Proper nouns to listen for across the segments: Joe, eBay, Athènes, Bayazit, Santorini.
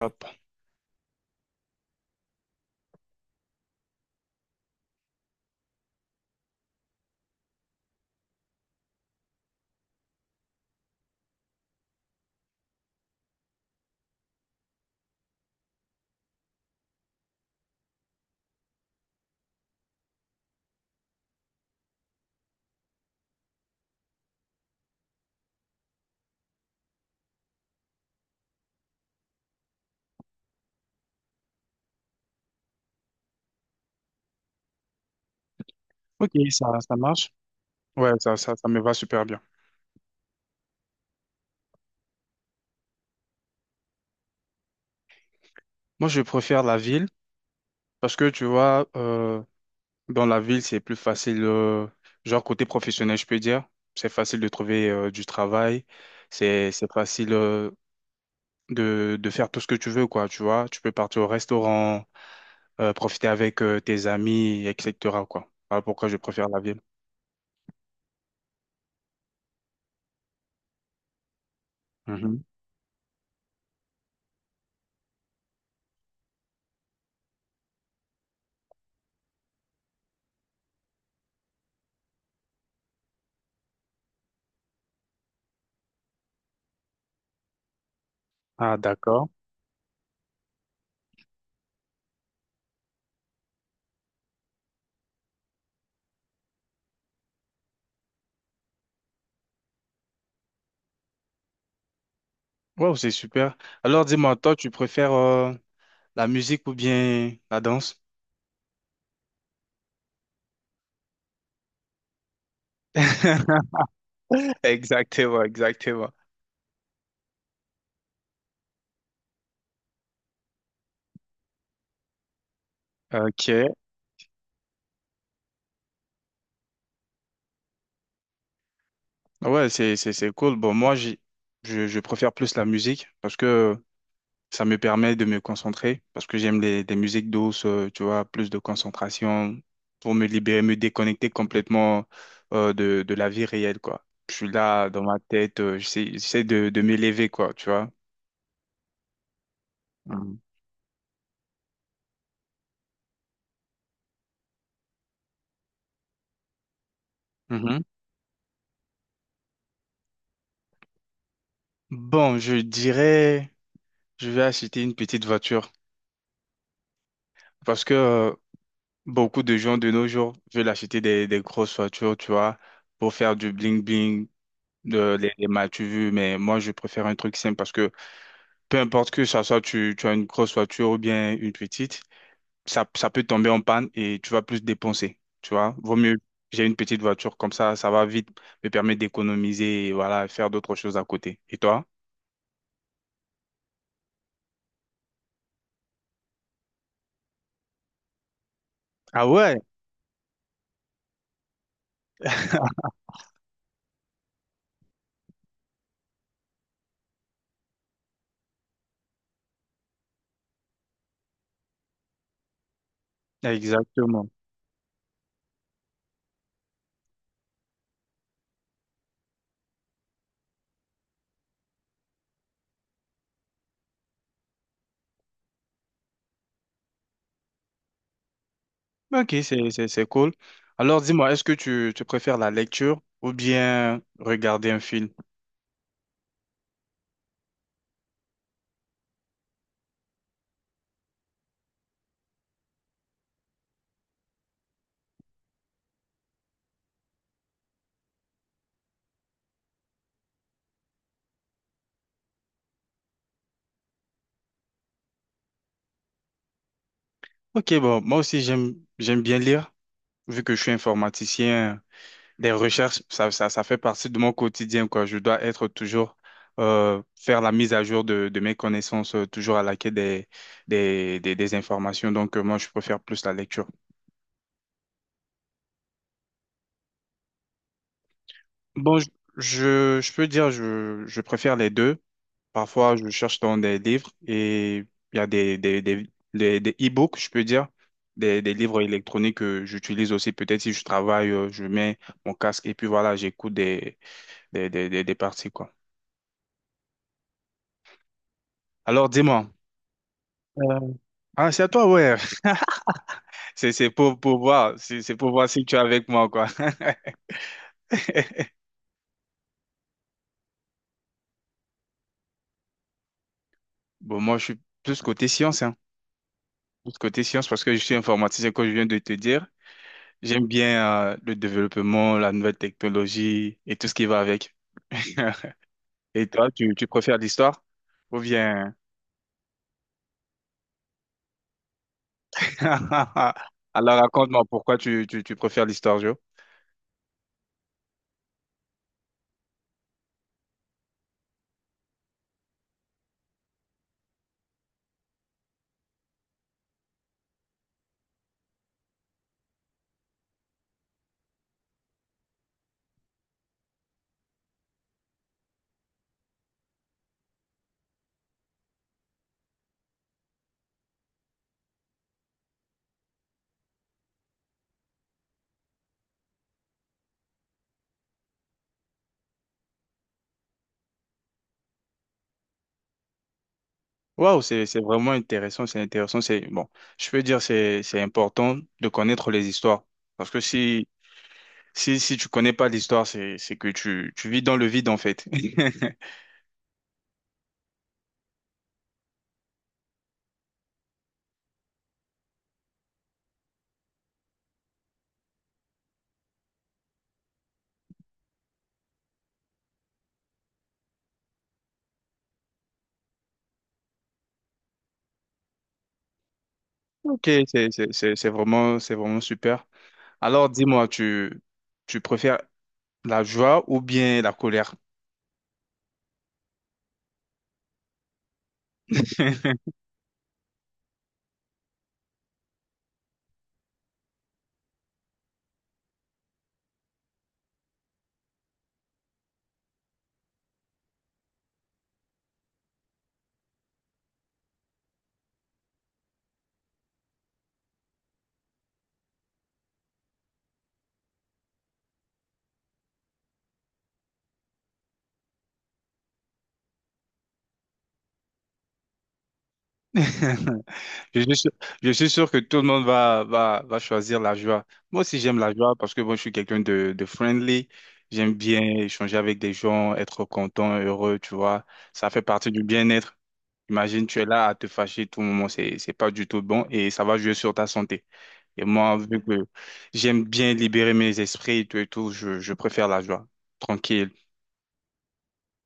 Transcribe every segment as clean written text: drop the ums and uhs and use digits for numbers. Hop. Ok, ça marche. Ouais, ça me va super bien. Moi, je préfère la ville parce que tu vois, dans la ville, c'est plus facile, genre côté professionnel, je peux dire. C'est facile de trouver du travail. C'est facile de faire tout ce que tu veux, quoi. Tu vois, tu peux partir au restaurant, profiter avec tes amis, etc., quoi. Voilà pourquoi je préfère la ville. Mhm. Ah, d'accord. Wow, c'est super. Alors, dis-moi, toi, tu préfères la musique ou bien la danse? Exactement, exactement. Ok, ouais, c'est cool. Bon, moi, je préfère plus la musique parce que ça me permet de me concentrer, parce que j'aime des musiques douces, tu vois, plus de concentration pour me libérer, me déconnecter complètement de la vie réelle, quoi. Je suis là dans ma tête, j'essaie de m'élever, quoi, tu vois. Mhm. Mhm. Bon, je dirais, je vais acheter une petite voiture parce que beaucoup de gens de nos jours veulent acheter des grosses voitures, tu vois, pour faire du bling-bling, de, les mal tu veux, mais moi, je préfère un truc simple parce que peu importe que ça soit tu as une grosse voiture ou bien une petite, ça peut tomber en panne et tu vas plus dépenser, tu vois. Vaut mieux, j'ai une petite voiture, comme ça va vite me permet d'économiser et voilà, faire d'autres choses à côté. Et toi? Ah ouais, exactement. Ok, c'est cool. Alors, dis-moi, est-ce que tu préfères la lecture ou bien regarder un film? Ok, bon, moi aussi j'aime bien lire, vu que je suis informaticien, des recherches, ça fait partie de mon quotidien, quoi. Je dois être toujours faire la mise à jour de mes connaissances, toujours à la quête des informations. Donc moi je préfère plus la lecture. Bon, je peux dire je préfère les deux. Parfois, je cherche dans des livres et il y a des e-books, je peux dire, des livres électroniques que j'utilise aussi. Peut-être si je travaille, je mets mon casque et puis voilà, j'écoute des parties, quoi. Alors, dis-moi. Euh, Ah, c'est à toi, ouais. C'est pour voir. C'est pour voir si tu es avec moi, quoi. Bon, moi, je suis plus côté science, hein. Plus côté science parce que je suis informaticien, comme je viens de te dire. J'aime bien, le développement, la nouvelle technologie et tout ce qui va avec. Et toi, tu préfères l'histoire? Ou bien… Alors raconte-moi pourquoi tu préfères l'histoire, Joe. Waouh, c'est vraiment intéressant, c'est bon. Je peux dire c'est important de connaître les histoires parce que si tu connais pas l'histoire, c'est que tu vis dans le vide en fait. Ok, c'est vraiment super. Alors, dis-moi, tu préfères la joie ou bien la colère? Je suis sûr, je suis sûr que tout le monde va choisir la joie. Moi aussi, j'aime la joie parce que bon, je suis quelqu'un de friendly. J'aime bien échanger avec des gens, être content, heureux, tu vois. Ça fait partie du bien-être. Imagine, tu es là à te fâcher tout le moment. C'est pas du tout bon et ça va jouer sur ta santé. Et moi, vu que j'aime bien libérer mes esprits et tout, je préfère la joie. Tranquille.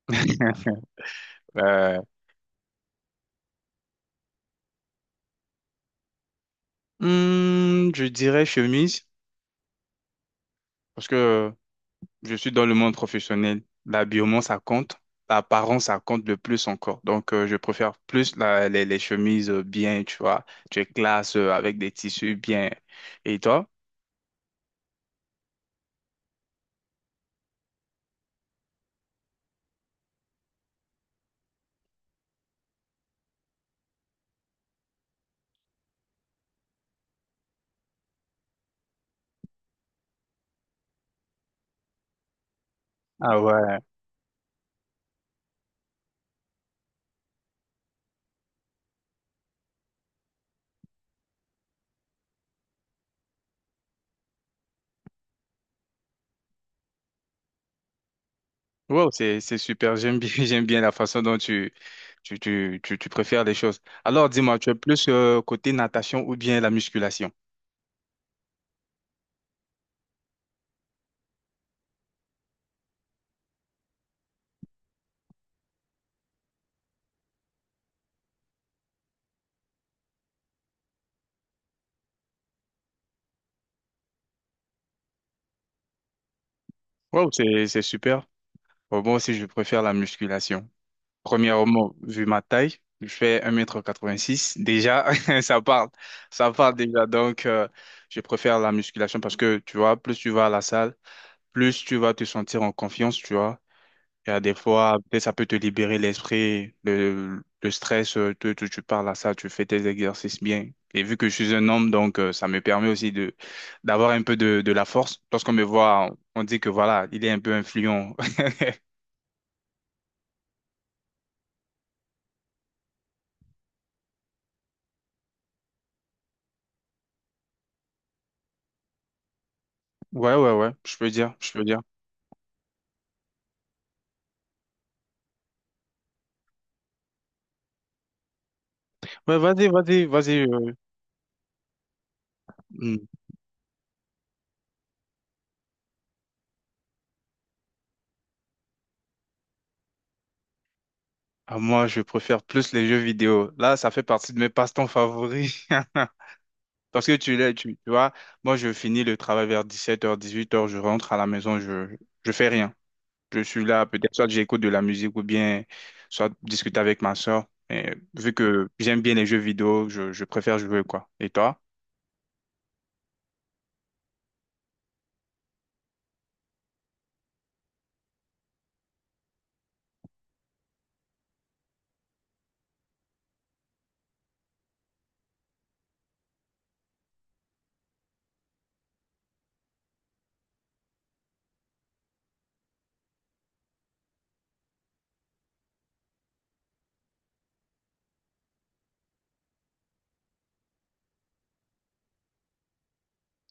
Euh, je dirais chemise, parce que je suis dans le monde professionnel. L'habillement, ça compte. L'apparence, ça compte le plus encore. Donc, je préfère plus les chemises bien, tu vois. Tu es classe avec des tissus bien. Et toi? Ah ouais. Wow, c'est super. J'aime bien j'aime bien la façon dont tu préfères les choses. Alors dis-moi, tu es plus côté natation ou bien la musculation? Wow, c'est super. Bon, moi aussi je préfère la musculation. Premièrement, vu ma taille, je fais 1,86 m. Déjà, ça parle. Ça parle déjà. Donc, je préfère la musculation parce que, tu vois, plus tu vas à la salle, plus tu vas te sentir en confiance, tu vois. Il y a des fois, peut-être ça peut te libérer l'esprit, le stress, tu parles à ça, tu fais tes exercices bien. Et vu que je suis un homme, donc ça me permet aussi de d'avoir un peu de la force. Lorsqu'on me voit, on dit que voilà, il est un peu influent. Ouais, ouais, ouais, je peux dire, je peux dire. Ouais, vas-y, vas-y, vas-y. Hmm. Ah, moi, je préfère plus les jeux vidéo. Là, ça fait partie de mes passe-temps favoris. Parce que tu l'as, tu vois, moi, je finis le travail vers 17h, 18h, je rentre à la maison, je fais rien. Je suis là, peut-être soit j'écoute de la musique ou bien soit discuter avec ma soeur. Mais vu que j'aime bien les jeux vidéo, je préfère jouer quoi. Et toi?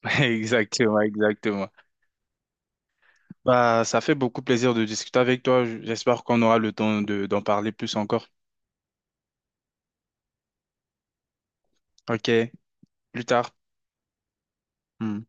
Exactement, exactement. Bah, ça fait beaucoup plaisir de discuter avec toi. J'espère qu'on aura le temps d'en parler plus encore. Ok, plus tard. Hmm.